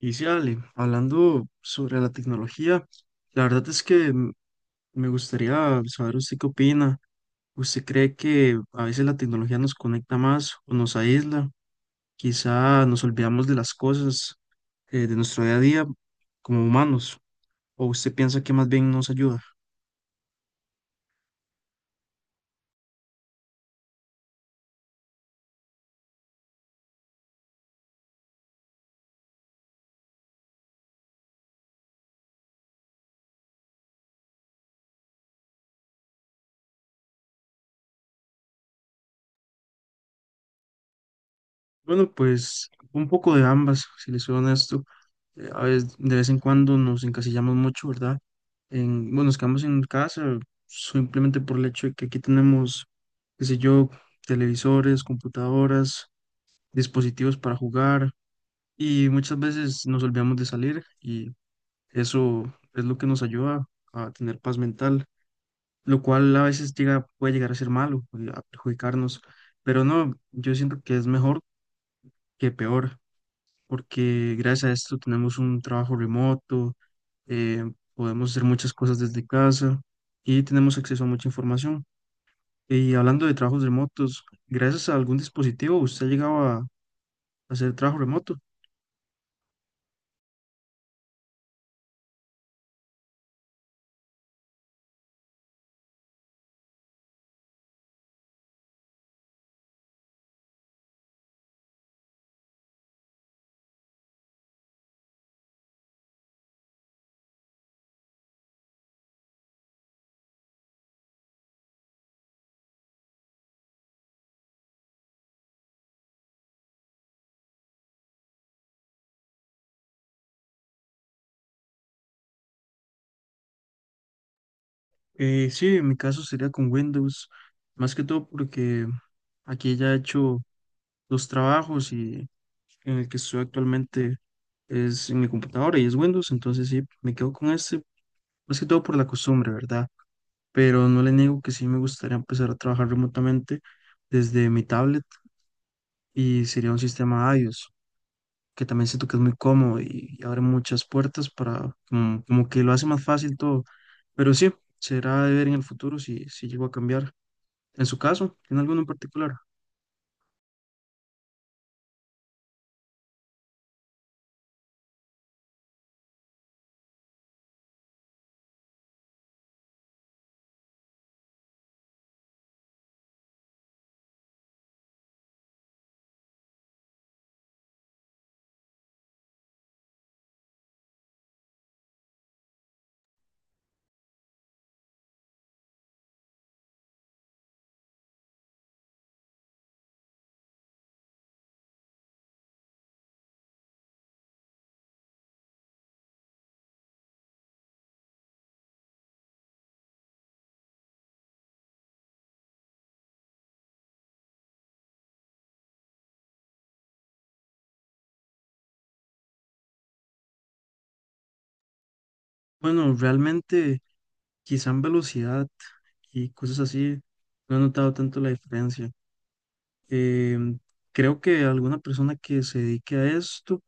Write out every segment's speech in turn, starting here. Y sí, Ale, hablando sobre la tecnología, la verdad es que me gustaría saber usted qué opina. ¿Usted cree que a veces la tecnología nos conecta más o nos aísla? Quizá nos olvidamos de las cosas de nuestro día a día como humanos, o usted piensa que más bien nos ayuda. Bueno, pues un poco de ambas, si les soy honesto. A veces, de vez en cuando nos encasillamos mucho, ¿verdad? En, bueno, nos quedamos en casa simplemente por el hecho de que aquí tenemos, qué sé yo, televisores, computadoras, dispositivos para jugar y muchas veces nos olvidamos de salir y eso es lo que nos ayuda a tener paz mental, lo cual a veces llega, puede llegar a ser malo, a perjudicarnos, pero no, yo siento que es mejor que peor porque gracias a esto tenemos un trabajo remoto, eh, podemos hacer muchas cosas desde casa y tenemos acceso a mucha información. Y hablando de trabajos remotos, gracias a algún dispositivo usted ha llegado a hacer trabajo remoto. Sí, en mi caso sería con Windows, más que todo porque aquí ya he hecho dos trabajos y en el que estoy actualmente es en mi computadora y es Windows, entonces sí, me quedo con este, más que todo por la costumbre, ¿verdad? Pero no le niego que sí me gustaría empezar a trabajar remotamente desde mi tablet y sería un sistema iOS, que también siento que es muy cómodo y abre muchas puertas para, como, como que lo hace más fácil todo. Pero sí, será de ver en el futuro si llego a cambiar. En su caso, ¿tiene alguno en particular? Bueno, realmente quizá en velocidad y cosas así, no he notado tanto la diferencia. Em, Creo que alguna persona que se dedique a esto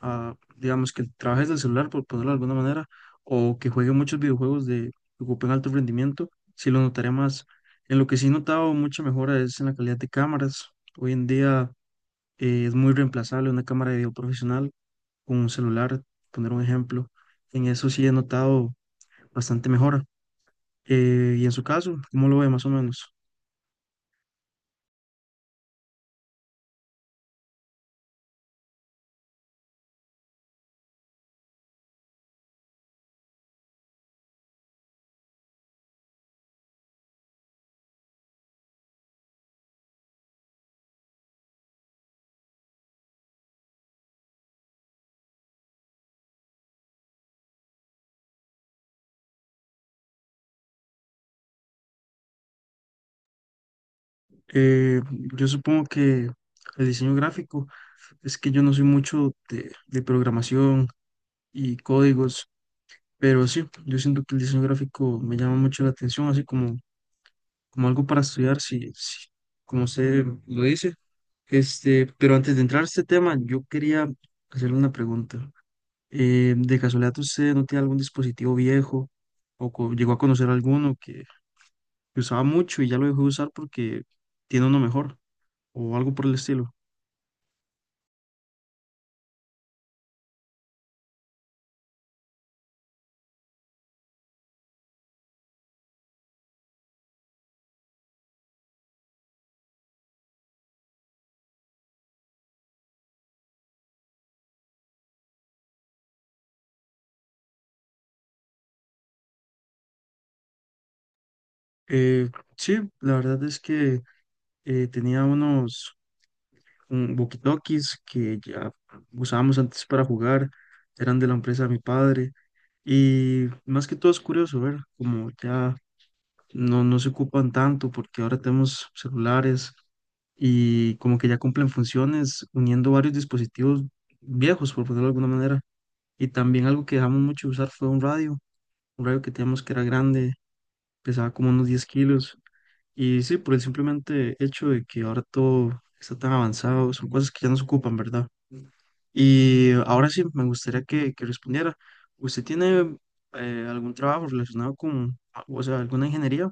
a, digamos, que trabaje desde el celular, por ponerlo de alguna manera, o que juegue muchos videojuegos de que ocupen alto rendimiento, sí lo notaré más. En lo que sí he notado mucha mejora es en la calidad de cámaras. Hoy en día es muy reemplazable una cámara de video profesional con un celular, poner un ejemplo. En eso sí he notado bastante mejora. Y en su caso, ¿cómo lo ve más o menos? Eh, yo supongo que el diseño gráfico es que yo no soy mucho de programación y códigos. Pero sí, yo siento que el diseño gráfico me llama mucho la atención, así como, como algo para estudiar, si, si, como usted lo dice. Este, pero antes de entrar a este tema, yo quería hacerle una pregunta. ¿De casualidad usted no tiene algún dispositivo viejo o llegó a conocer alguno que usaba mucho y ya lo dejó de usar porque tiene uno mejor o algo por el estilo? Eh, sí, la verdad es que tenía unos un walkie-talkies que ya usábamos antes para jugar, eran de la empresa de mi padre. Y más que todo es curioso ver como ya no se ocupan tanto porque ahora tenemos celulares y como que ya cumplen funciones uniendo varios dispositivos viejos, por ponerlo de alguna manera. Y también algo que dejamos mucho de usar fue un radio que teníamos que era grande, pesaba como unos 10 kilos. Y sí, por el simplemente hecho de que ahora todo está tan avanzado, son cosas que ya no se ocupan, ¿verdad? Y ahora sí, me gustaría que respondiera. ¿Usted tiene algún trabajo relacionado con, o sea, alguna ingeniería?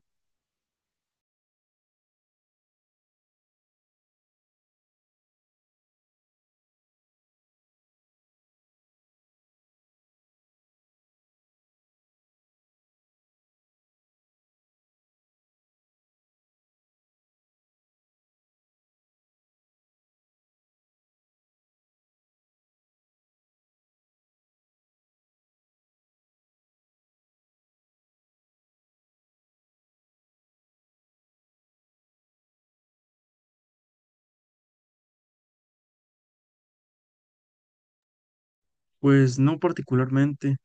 Pues no particularmente,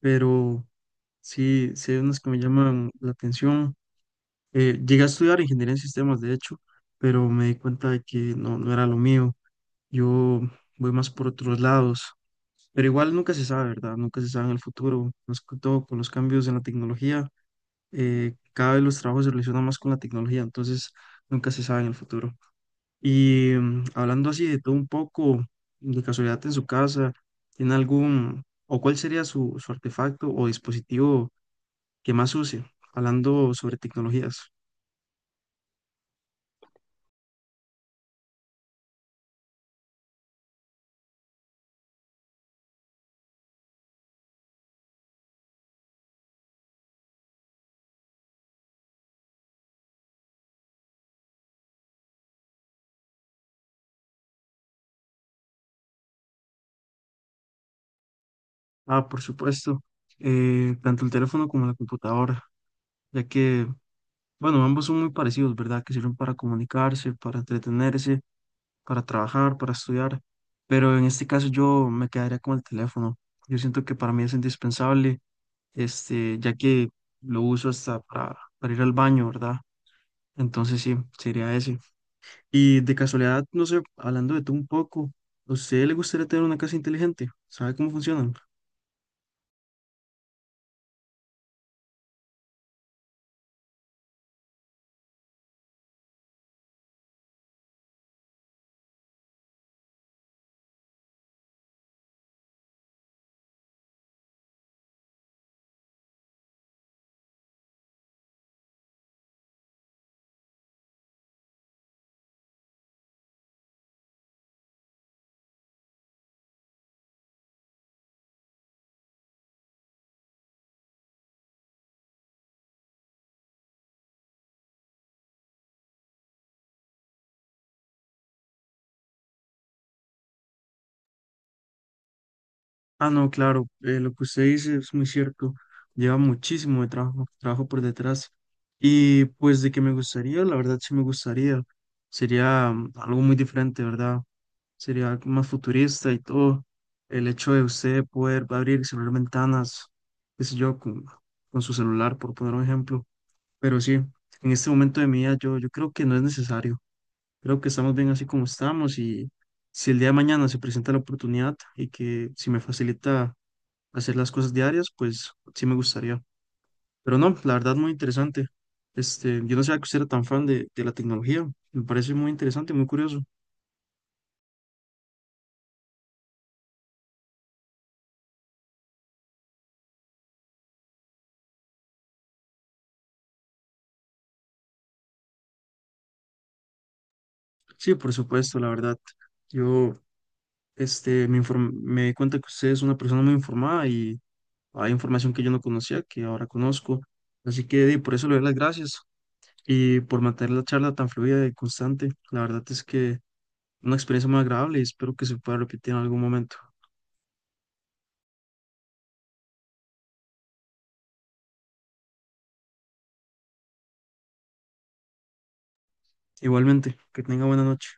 pero sí, sí hay unas que me llaman la atención. Llegué a estudiar ingeniería en sistemas, de hecho, pero me di cuenta de que no, no era lo mío. Yo voy más por otros lados, pero igual nunca se sabe, ¿verdad? Nunca se sabe en el futuro, más que todo con los cambios en la tecnología cada vez los trabajos se relacionan más con la tecnología, entonces nunca se sabe en el futuro. Y hablando así de todo un poco, de casualidad en su casa, ¿tiene algún, o cuál sería su, su artefacto o dispositivo que más use? Hablando sobre tecnologías. Ah, por supuesto, tanto el teléfono como la computadora, ya que, bueno, ambos son muy parecidos, ¿verdad? Que sirven para comunicarse, para entretenerse para trabajar, para estudiar, pero en este caso yo me quedaría con el teléfono. Yo siento que para mí es indispensable, este, ya que lo uso hasta para ir al baño, ¿verdad? Entonces sí, sería ese. Y de casualidad, no sé, hablando de tú un poco, ¿a usted le gustaría tener una casa inteligente? ¿Sabe cómo funcionan? Ah, no, claro, lo que usted dice es muy cierto. Lleva muchísimo de trabajo, trabajo por detrás. Y pues de que me gustaría, la verdad sí me gustaría. Sería algo muy diferente, ¿verdad? Sería algo más futurista y todo. El hecho de usted poder abrir y cerrar ventanas, qué sé yo, con su celular, por poner un ejemplo. Pero sí, en este momento de mi vida yo creo que no es necesario. Creo que estamos bien así como estamos y si el día de mañana se presenta la oportunidad y que si me facilita hacer las cosas diarias, pues sí me gustaría. Pero no, la verdad muy interesante. Este, yo no sabía que usted era tan fan de la tecnología. Me parece muy interesante, muy curioso. Sí, por supuesto, la verdad. Yo este, me di cuenta que usted es una persona muy informada y hay información que yo no conocía, que ahora conozco. Así que di, por eso le doy las gracias y por mantener la charla tan fluida y constante. La verdad es que una experiencia muy agradable y espero que se pueda repetir en algún momento. Igualmente, que tenga buena noche.